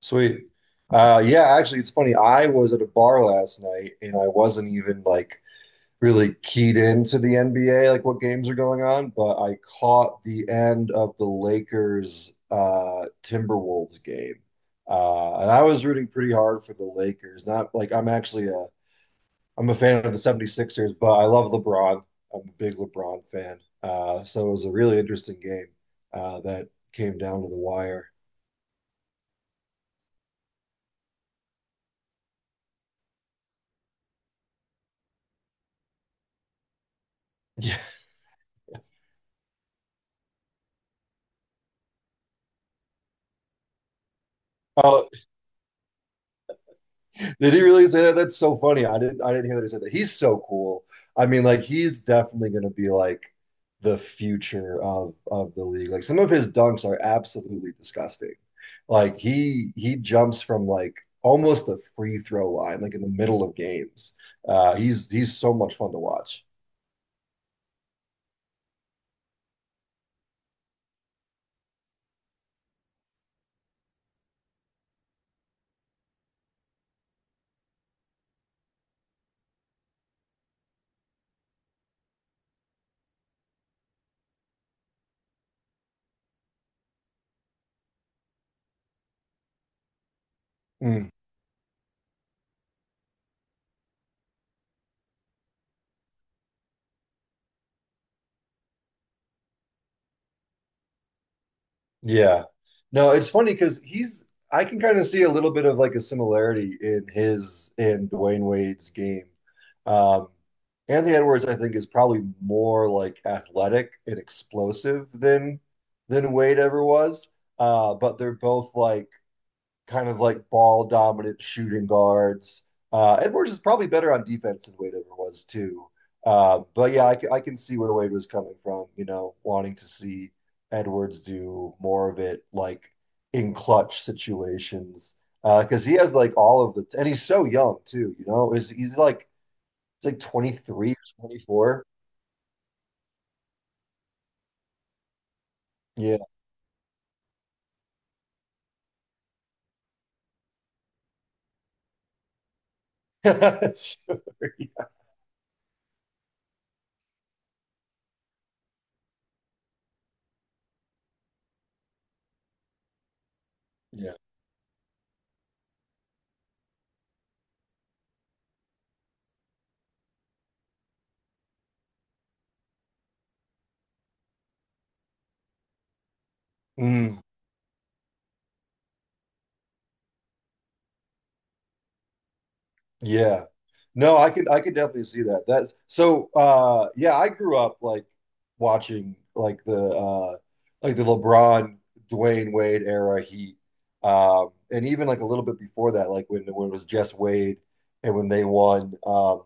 Sweet. Yeah, actually, it's funny. I was at a bar last night and I wasn't even like really keyed into the NBA, like what games are going on, but I caught the end of the Lakers Timberwolves game. And I was rooting pretty hard for the Lakers. Not like I'm actually a I'm a fan of the 76ers, but I love LeBron. I'm a big LeBron fan. So it was a really interesting game that came down to the wire. Yeah. Oh, did he really say that? That's so funny. I didn't hear that he said that. He's so cool. I mean, like he's definitely gonna be like the future of the league. Like some of his dunks are absolutely disgusting. Like he jumps from like almost the free throw line, like in the middle of games. He's so much fun to watch. Mm. Yeah. No, it's funny because he's, I can kind of see a little bit of like a similarity in his, in Dwayne Wade's game. Um, Anthony Edwards, I think, is probably more like athletic and explosive than Wade ever was. But they're both like kind of like ball dominant shooting guards. Edwards is probably better on defense than Wade ever was too. But yeah, I can see where Wade was coming from, wanting to see Edwards do more of it like in clutch situations. Because he has like all of the, and he's so young too, you know, is he's like 23 or 24. Yeah. Sure. Yeah. Mm. Yeah. No, I could definitely see that. That's so yeah, I grew up like watching like the LeBron Dwayne Wade era Heat. And even like a little bit before that, like when it was just Wade, and when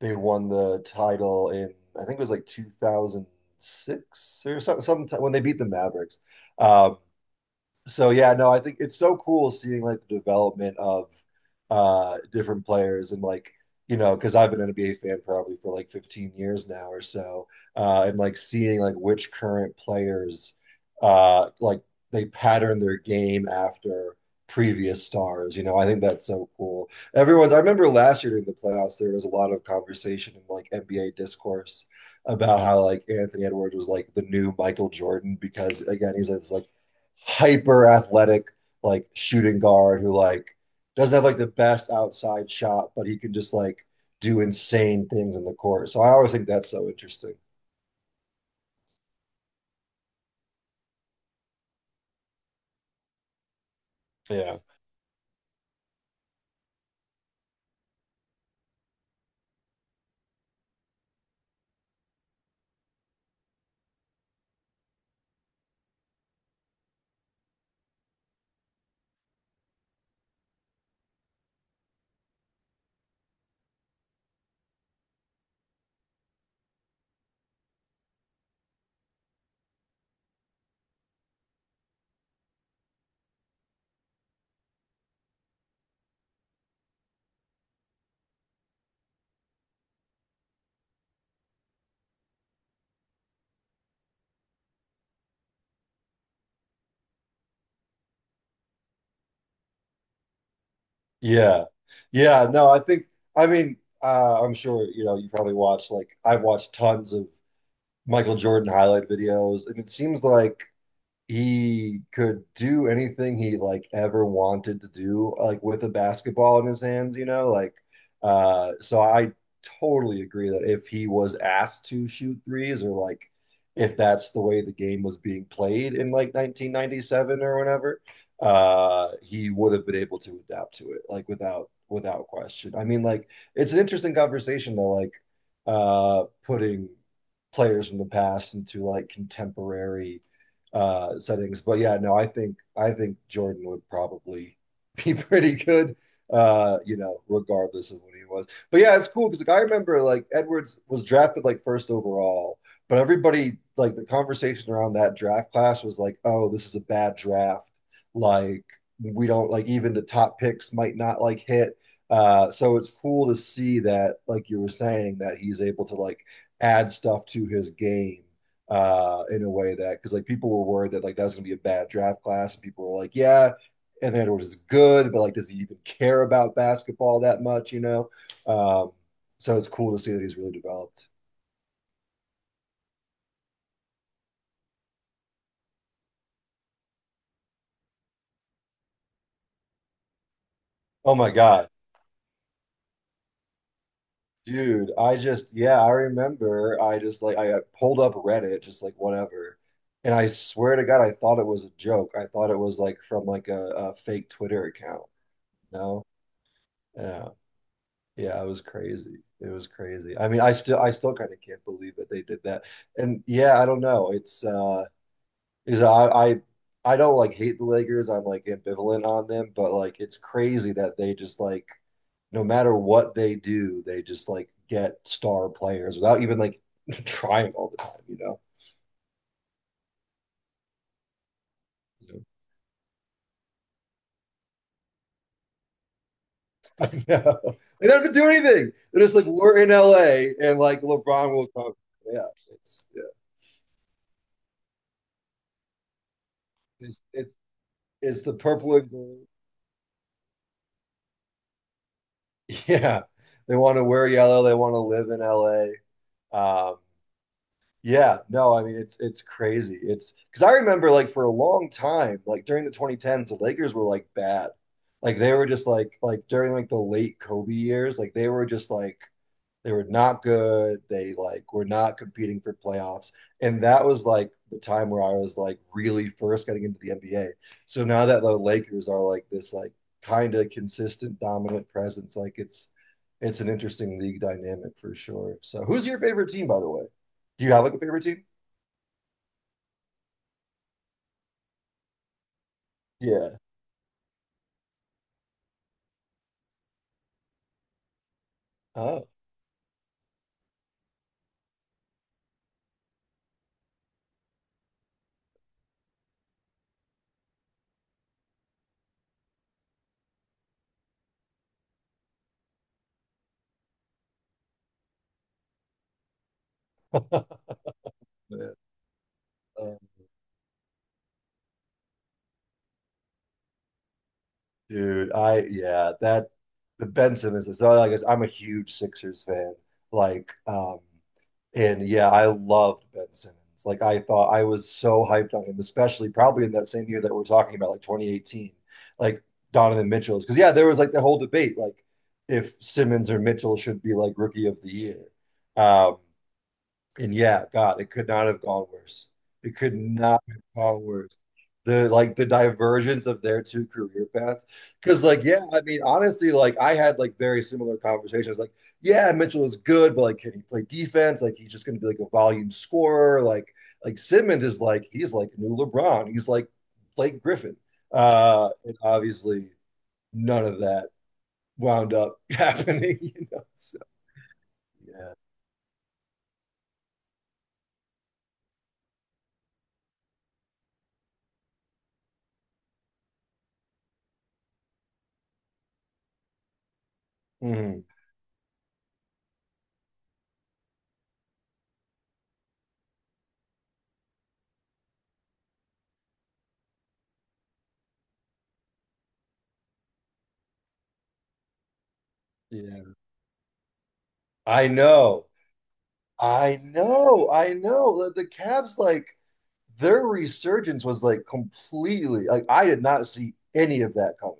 they won the title in I think it was like 2006 or something sometime when they beat the Mavericks. Um so yeah, no, I think it's so cool seeing like the development of different players, and like, you know, because I've been an NBA fan probably for like 15 years now or so, and like seeing like which current players like they pattern their game after previous stars, you know, I think that's so cool. Everyone's, I remember last year during the playoffs there was a lot of conversation in like NBA discourse about how like Anthony Edwards was like the new Michael Jordan, because again he's like this like hyper athletic like shooting guard who like doesn't have like the best outside shot, but he can just like do insane things in the court. So I always think that's so interesting. Yeah. Yeah. Yeah. No, I think, I mean, I'm sure you know you probably watched, like I've watched tons of Michael Jordan highlight videos, and it seems like he could do anything he like ever wanted to do, like with a basketball in his hands, you know, like, so I totally agree that if he was asked to shoot threes, or like if that's the way the game was being played in like 1997 or whenever, he would have been able to adapt to it like without question. I mean like it's an interesting conversation though, like, putting players from the past into like contemporary settings. But yeah, no, I think Jordan would probably be pretty good, you know, regardless of what he was. But yeah, it's cool because like I remember like Edwards was drafted like first overall, but everybody, like the conversation around that draft class was like, oh, this is a bad draft. Like we don't like, even the top picks might not like hit. So it's cool to see that, like you were saying, that he's able to like add stuff to his game in a way that, because like people were worried that like that was gonna be a bad draft class, and people were like, yeah, Anthony Edwards is good, but like, does he even care about basketball that much? You know, um, so it's cool to see that he's really developed. Oh my god, dude! I just, yeah, I remember. I just like, I pulled up Reddit, just like whatever, and I swear to God, I thought it was a joke. I thought it was like from like a fake Twitter account. No, yeah. Yeah, it was crazy. It was crazy. I mean, I still kind of can't believe that they did that. And yeah, I don't know. It's is I don't like hate the Lakers. I'm like ambivalent on them, but like it's crazy that they just like, no matter what they do, they just like get star players without even like trying all the time, you know? Yeah. I know. They don't have to do anything. They're just like, we're in LA and like LeBron will come. Yeah, it's yeah. It's it's the purple and gold. Yeah, they want to wear yellow. They want to live in LA. Um, yeah, no, I mean it's crazy. It's because I remember like for a long time, like during the 2010s, the Lakers were like bad. Like they were just like during like the late Kobe years, like they were just like they were not good. They like were not competing for playoffs. And that was like the time where I was like really first getting into the NBA. So now that the Lakers are like this like kind of consistent dominant presence, like it's an interesting league dynamic for sure. So who's your favorite team, by the way? Do you have like a favorite team? Yeah. Oh. Yeah. Uh, Dude, I, yeah, that the Benson is so like, I'm a huge Sixers fan. Like, and yeah, I loved Ben Simmons. Like I thought, I was so hyped on him, especially probably in that same year that we're talking about, like 2018, like Donovan Mitchell's. Because yeah, there was like the whole debate, like if Simmons or Mitchell should be like rookie of the year. Um, and yeah, God, it could not have gone worse. It could not have gone worse. The, like the divergence of their two career paths. Cause like, yeah, I mean, honestly, like I had like very similar conversations. Like, yeah, Mitchell is good, but like, can he play defense? Like he's just gonna be like a volume scorer. Like Simmons is like, he's like a new LeBron. He's like Blake Griffin. And obviously none of that wound up happening, you know. So yeah. Mm-hmm. Yeah. I know. I know. The Cavs, like, their resurgence was like completely, like, I did not see any of that coming.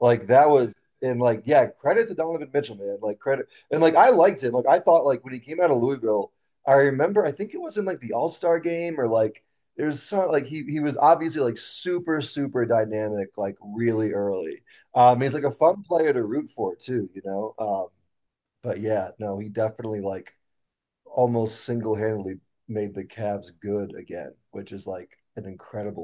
Like, that was, and like, yeah, credit to Donovan Mitchell, man. Like, credit. And like, I liked him. Like, I thought, like, when he came out of Louisville, I remember, I think it was in like the All-Star game or like, there's some, like, he was obviously like super, super dynamic, like, really early. He's like a fun player to root for, too, you know? But yeah, no, he definitely, like, almost single handedly made the Cavs good again, which is like an incredible.